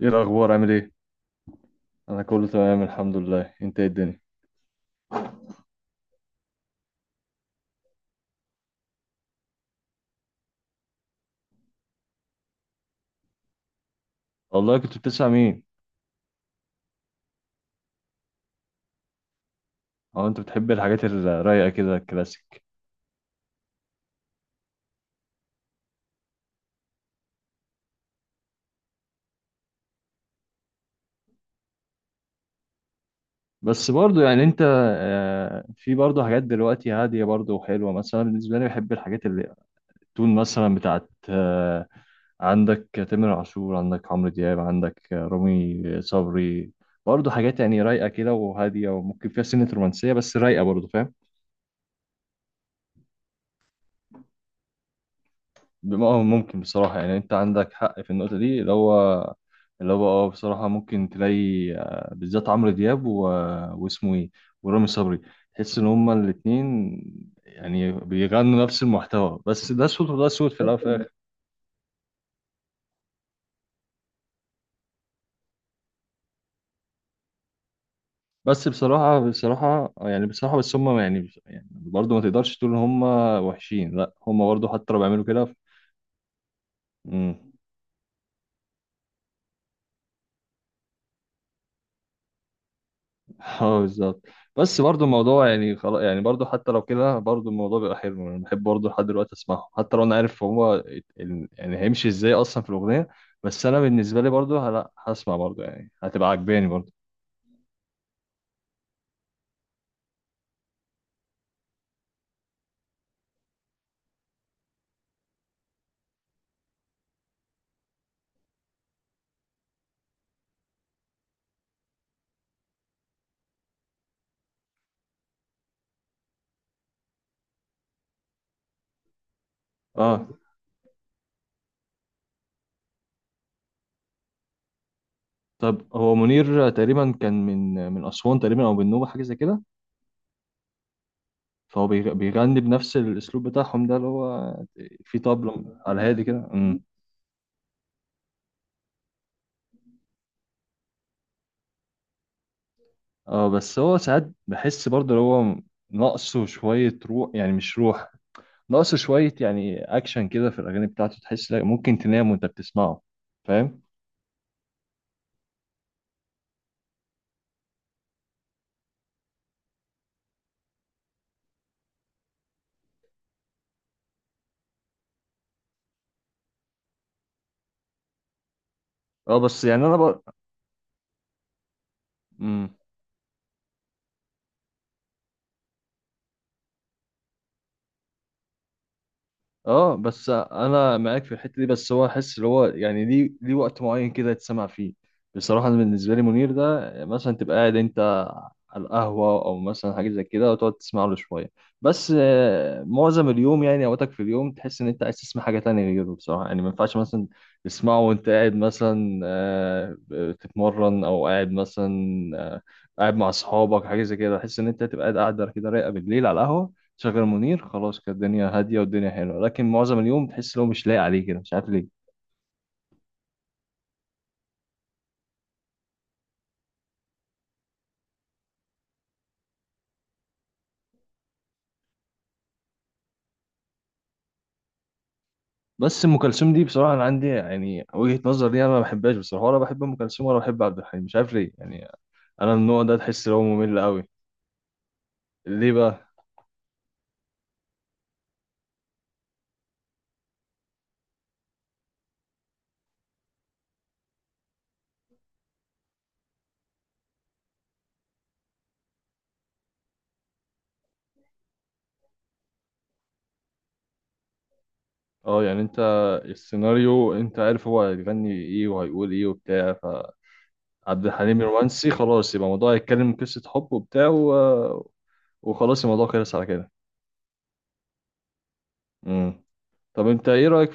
ايه الاخبار، عامل ايه؟ انا كله تمام الحمد لله. انت ايه الدنيا؟ والله كنت بتسمع مين؟ او انت بتحب الحاجات الرايقه كده الكلاسيك؟ بس برضو يعني انت في برضو حاجات دلوقتي هاديه برضو وحلوه، مثلا بالنسبه لي بحب الحاجات اللي تون مثلا بتاعت عندك تامر عاشور، عندك عمرو دياب، عندك رامي صبري. برضه حاجات يعني رايقة كده وهادية، وممكن فيها سنة رومانسية بس رايقة برضه، فاهم؟ ممكن بصراحة يعني انت عندك حق في النقطة دي، اللي هو اه بصراحة ممكن تلاقي بالذات عمرو دياب و... واسمه ايه، ورامي صبري. تحس ان هما الاتنين يعني بيغنوا نفس المحتوى، بس ده صوت وده صوت في الاول وفي الآخر. بس بصراحة بصراحة يعني بصراحة بس هم يعني برضه ما تقدرش تقول ان هم وحشين، لا هم برضه حتى لو بيعملوا كده. امم. اه بالظبط. بس برضه الموضوع يعني خلاص، يعني برضه حتى لو كده برضه الموضوع بيبقى حلو. انا بحب برضه لحد دلوقتي اسمعهم حتى لو انا عارف هو يعني هيمشي ازاي اصلا في الأغنية. بس انا بالنسبة لي برضه لا، هسمع برضه، يعني هتبقى عجباني برضه. اه طب هو منير تقريبا كان من أسوان تقريبا او من النوبة حاجة زي كده. فهو بيغني بنفس الاسلوب بتاعهم ده، اللي هو في طبل على هادي كده. امم. اه بس هو ساعات بحس برضه اللي هو ناقصه شوية روح، يعني مش روح، ناقصه شوية يعني اكشن كده في الاغاني بتاعته. تحس لا ممكن تنام وانت بتسمعه، فاهم؟ اه بس يعني انا بقى. اه بس انا معاك في الحته دي، بس هو احس اللي هو يعني ليه وقت معين كده يتسمع فيه. بصراحه انا بالنسبه لي منير ده مثلا تبقى قاعد انت على القهوه او مثلا حاجه زي كده وتقعد تسمع له شويه. بس معظم اليوم يعني اوقاتك في اليوم تحس ان انت عايز تسمع حاجه تانية غيره. بصراحه يعني ما ينفعش مثلا تسمعه وانت قاعد مثلا بتتمرن، او قاعد مثلا آه، قاعد مع اصحابك حاجه زي كده. تحس ان انت تبقى قاعده كده رايقه بالليل على القهوه، شغل منير، خلاص كانت الدنيا هاديه والدنيا حلوه. لكن معظم اليوم تحس ان هو مش لايق عليه كده، مش عارف ليه. بس ام كلثوم دي بصراحه انا عندي يعني وجهه نظر ليها، انا ما بحبهاش بصراحه، ولا بحب ام كلثوم ولا بحب عبد الحليم، مش عارف ليه يعني. انا من النوع ده تحس ان هو ممل قوي. ليه بقى؟ اه يعني انت السيناريو انت عارف هو هيغني ايه وهيقول ايه وبتاع. فعبد الحليم رومانسي، خلاص يبقى الموضوع يتكلم قصه حب وبتاع و... وخلاص الموضوع خلص على كده. امم. طب انت ايه رايك؟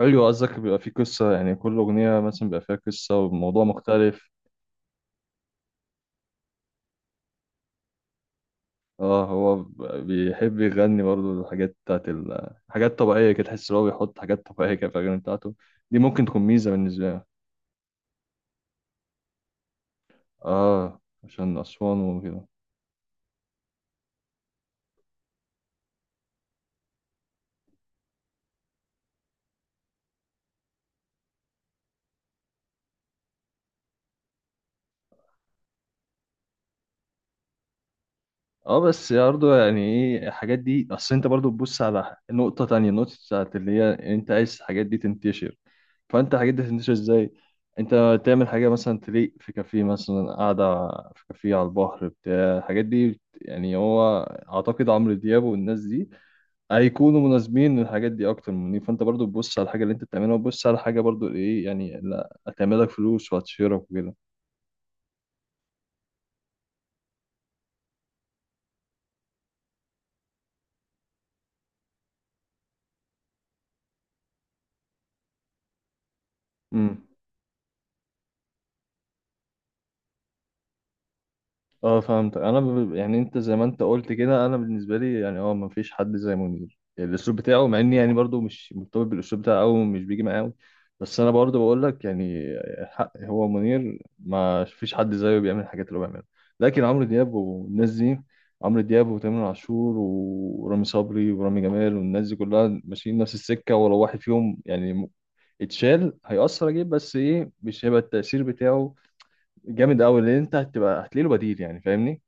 ايوه قصدك بيبقى فيه قصة، يعني كل أغنية مثلا بيبقى فيها قصة وموضوع مختلف. اه هو بيحب يغني برضه الحاجات بتاعت ال... حاجات طبيعية كده. تحس إن هو بيحط حاجات طبيعية كده في الأغاني بتاعته، دي ممكن تكون ميزة بالنسبة له. اه عشان أسوان وكده. اه بس برضه يعني ايه الحاجات دي؟ أصل أنت برضه تبص على نقطة تانية، النقطة بتاعت اللي هي أنت عايز الحاجات دي تنتشر. فانت الحاجات دي هتنتشر ازاي؟ انت تعمل حاجه مثلا تليق في كافيه مثلا قاعده، في كافيه على البحر بتاع. الحاجات دي يعني هو اعتقد عمرو دياب والناس دي هيكونوا مناسبين للحاجات دي اكتر مني. فانت برضو تبص على الحاجه اللي انت بتعملها، وتبص على حاجه برضو ايه يعني، لا هتعملك فلوس وهتشهرك وكده. امم. اه فهمت. انا ب... يعني انت زي ما انت قلت كده، انا بالنسبه لي يعني اه ما فيش حد زي منير يعني الاسلوب بتاعه، مع اني يعني برضو مش مرتبط بالاسلوب بتاعه او مش بيجي معاه أوي. بس انا برضو بقول لك يعني حق، هو منير ما فيش حد زيه بيعمل الحاجات اللي هو بيعملها. لكن عمرو دياب والناس دي، عمرو دياب وتامر عاشور ورامي صبري ورامي جمال والناس دي كلها ماشيين نفس السكه، ولو واحد فيهم يعني اتشال هيأثر اجيب، بس ايه مش هيبقى التأثير بتاعه جامد قوي، لان انت هتبقى هتلاقي له بديل يعني، فاهمني؟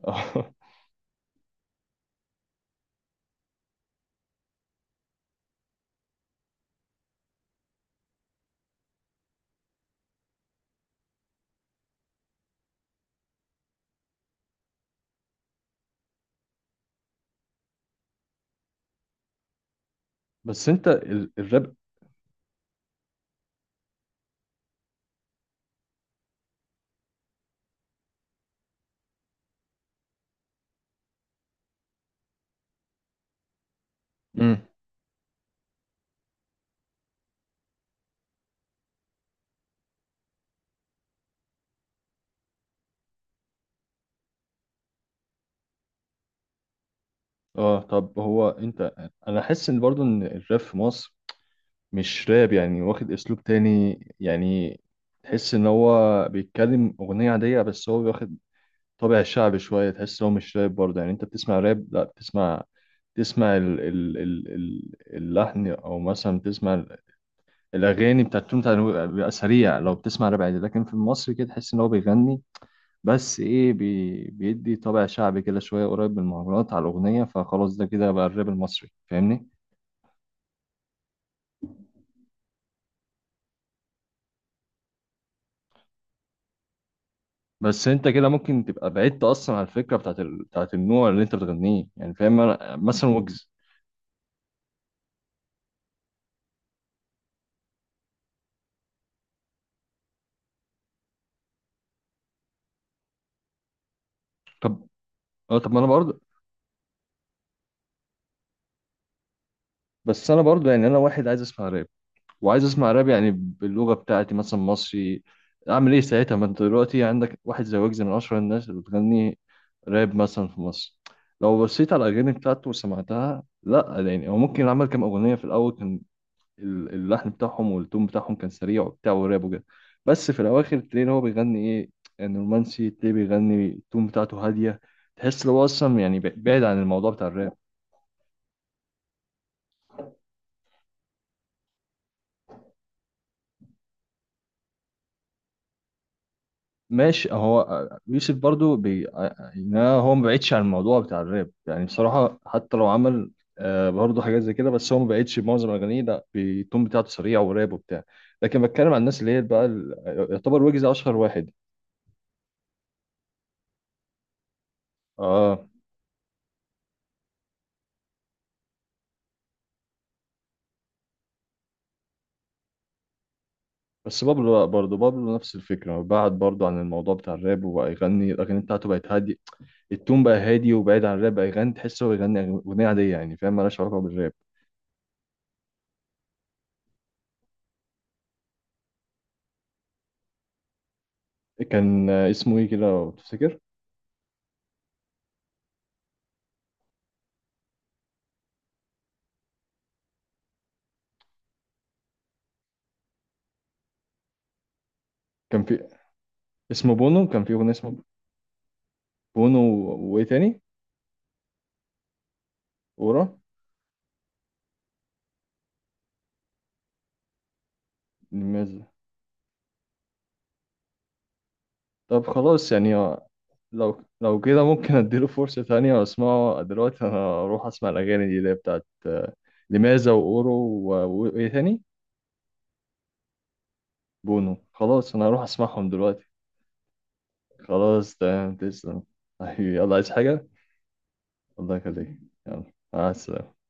آه. بس انت الراب. مم. اه طب هو انت انا احس ان برضو ان الراب في مصر مش راب، يعني واخد اسلوب تاني يعني. تحس ان هو بيتكلم اغنية عادية بس هو واخد طابع شعبي شوية. تحس ان هو مش راب برضه، يعني انت بتسمع راب لا بتسمع، تسمع اللحن، او مثلا بتسمع الاغاني بتاعتهم بيبقى سريع لو بتسمع راب عادي، لكن في مصر كده تحس ان هو بيغني، بس ايه بي... بيدي طابع شعبي كده شويه قريب من المهرجانات على الاغنيه، فخلاص ده كده بقى الراب المصري، فاهمني؟ بس انت كده ممكن تبقى بعدت اصلا عن الفكره بتاعت ال... بتاعت النوع اللي انت بتغنيه يعني، فاهم؟ أنا مثلا ويجز. طب اه طب ما انا برضه. بس انا برضه يعني انا واحد عايز اسمع راب، وعايز اسمع راب يعني باللغه بتاعتي مثلا مصري، اعمل ايه ساعتها؟ ما انت دلوقتي عندك واحد زي ويجز من اشهر الناس اللي بتغني راب مثلا في مصر. لو بصيت على الاغاني بتاعته وسمعتها، لا يعني هو ممكن عمل كام اغنيه في الاول كان اللحن بتاعهم والتون بتاعهم كان سريع وبتاع والراب وكده. بس في الاواخر تلاقي ان هو بيغني ايه، يعني رومانسي، تلاقيه بيغني التون بتاعته هاديه، تحس ان هو اصلا يعني بعيد عن الموضوع بتاع الراب. ماشي هو يوسف برضو بي... يعني هو ما بعيدش عن الموضوع بتاع الراب يعني بصراحه، حتى لو عمل برضه حاجات زي كده بس هو ما بعيدش، معظم اغانيه لا التون بتاعته سريع وراب وبتاع. لكن بتكلم عن الناس اللي هي بقى ال-، يعتبر ويجز اشهر واحد. اه بس بابلو لأ، برضه بابلو نفس الفكرة، بعد برضه عن الموضوع بتاع الراب وبقى يغني الأغاني بتاعته بقت هادية. التون بقى هادي وبعيد عن الراب، بقى يغني تحسه هو بيغني أغنية عادية يعني، فاهم؟ مالهاش علاقة بالراب. كان اسمه إيه كده لو تفتكر؟ كان في اسمه بونو، كان في أغنية اسمه بونو و- وإيه تاني؟ ورا، نماذج. طب خلاص يعني لو كده ممكن أديله فرصة تانية وأسمعه دلوقتي. أنا أروح أسمع الأغاني دي اللي هي بتاعت لماذا وأورو و- وإيه تاني؟ بونو، خلاص أنا هروح أسمعهم دلوقتي. خلاص تمام تسلم. حبيبي يلا، عايز حاجة؟ الله يخليك. يلا، مع السلامة.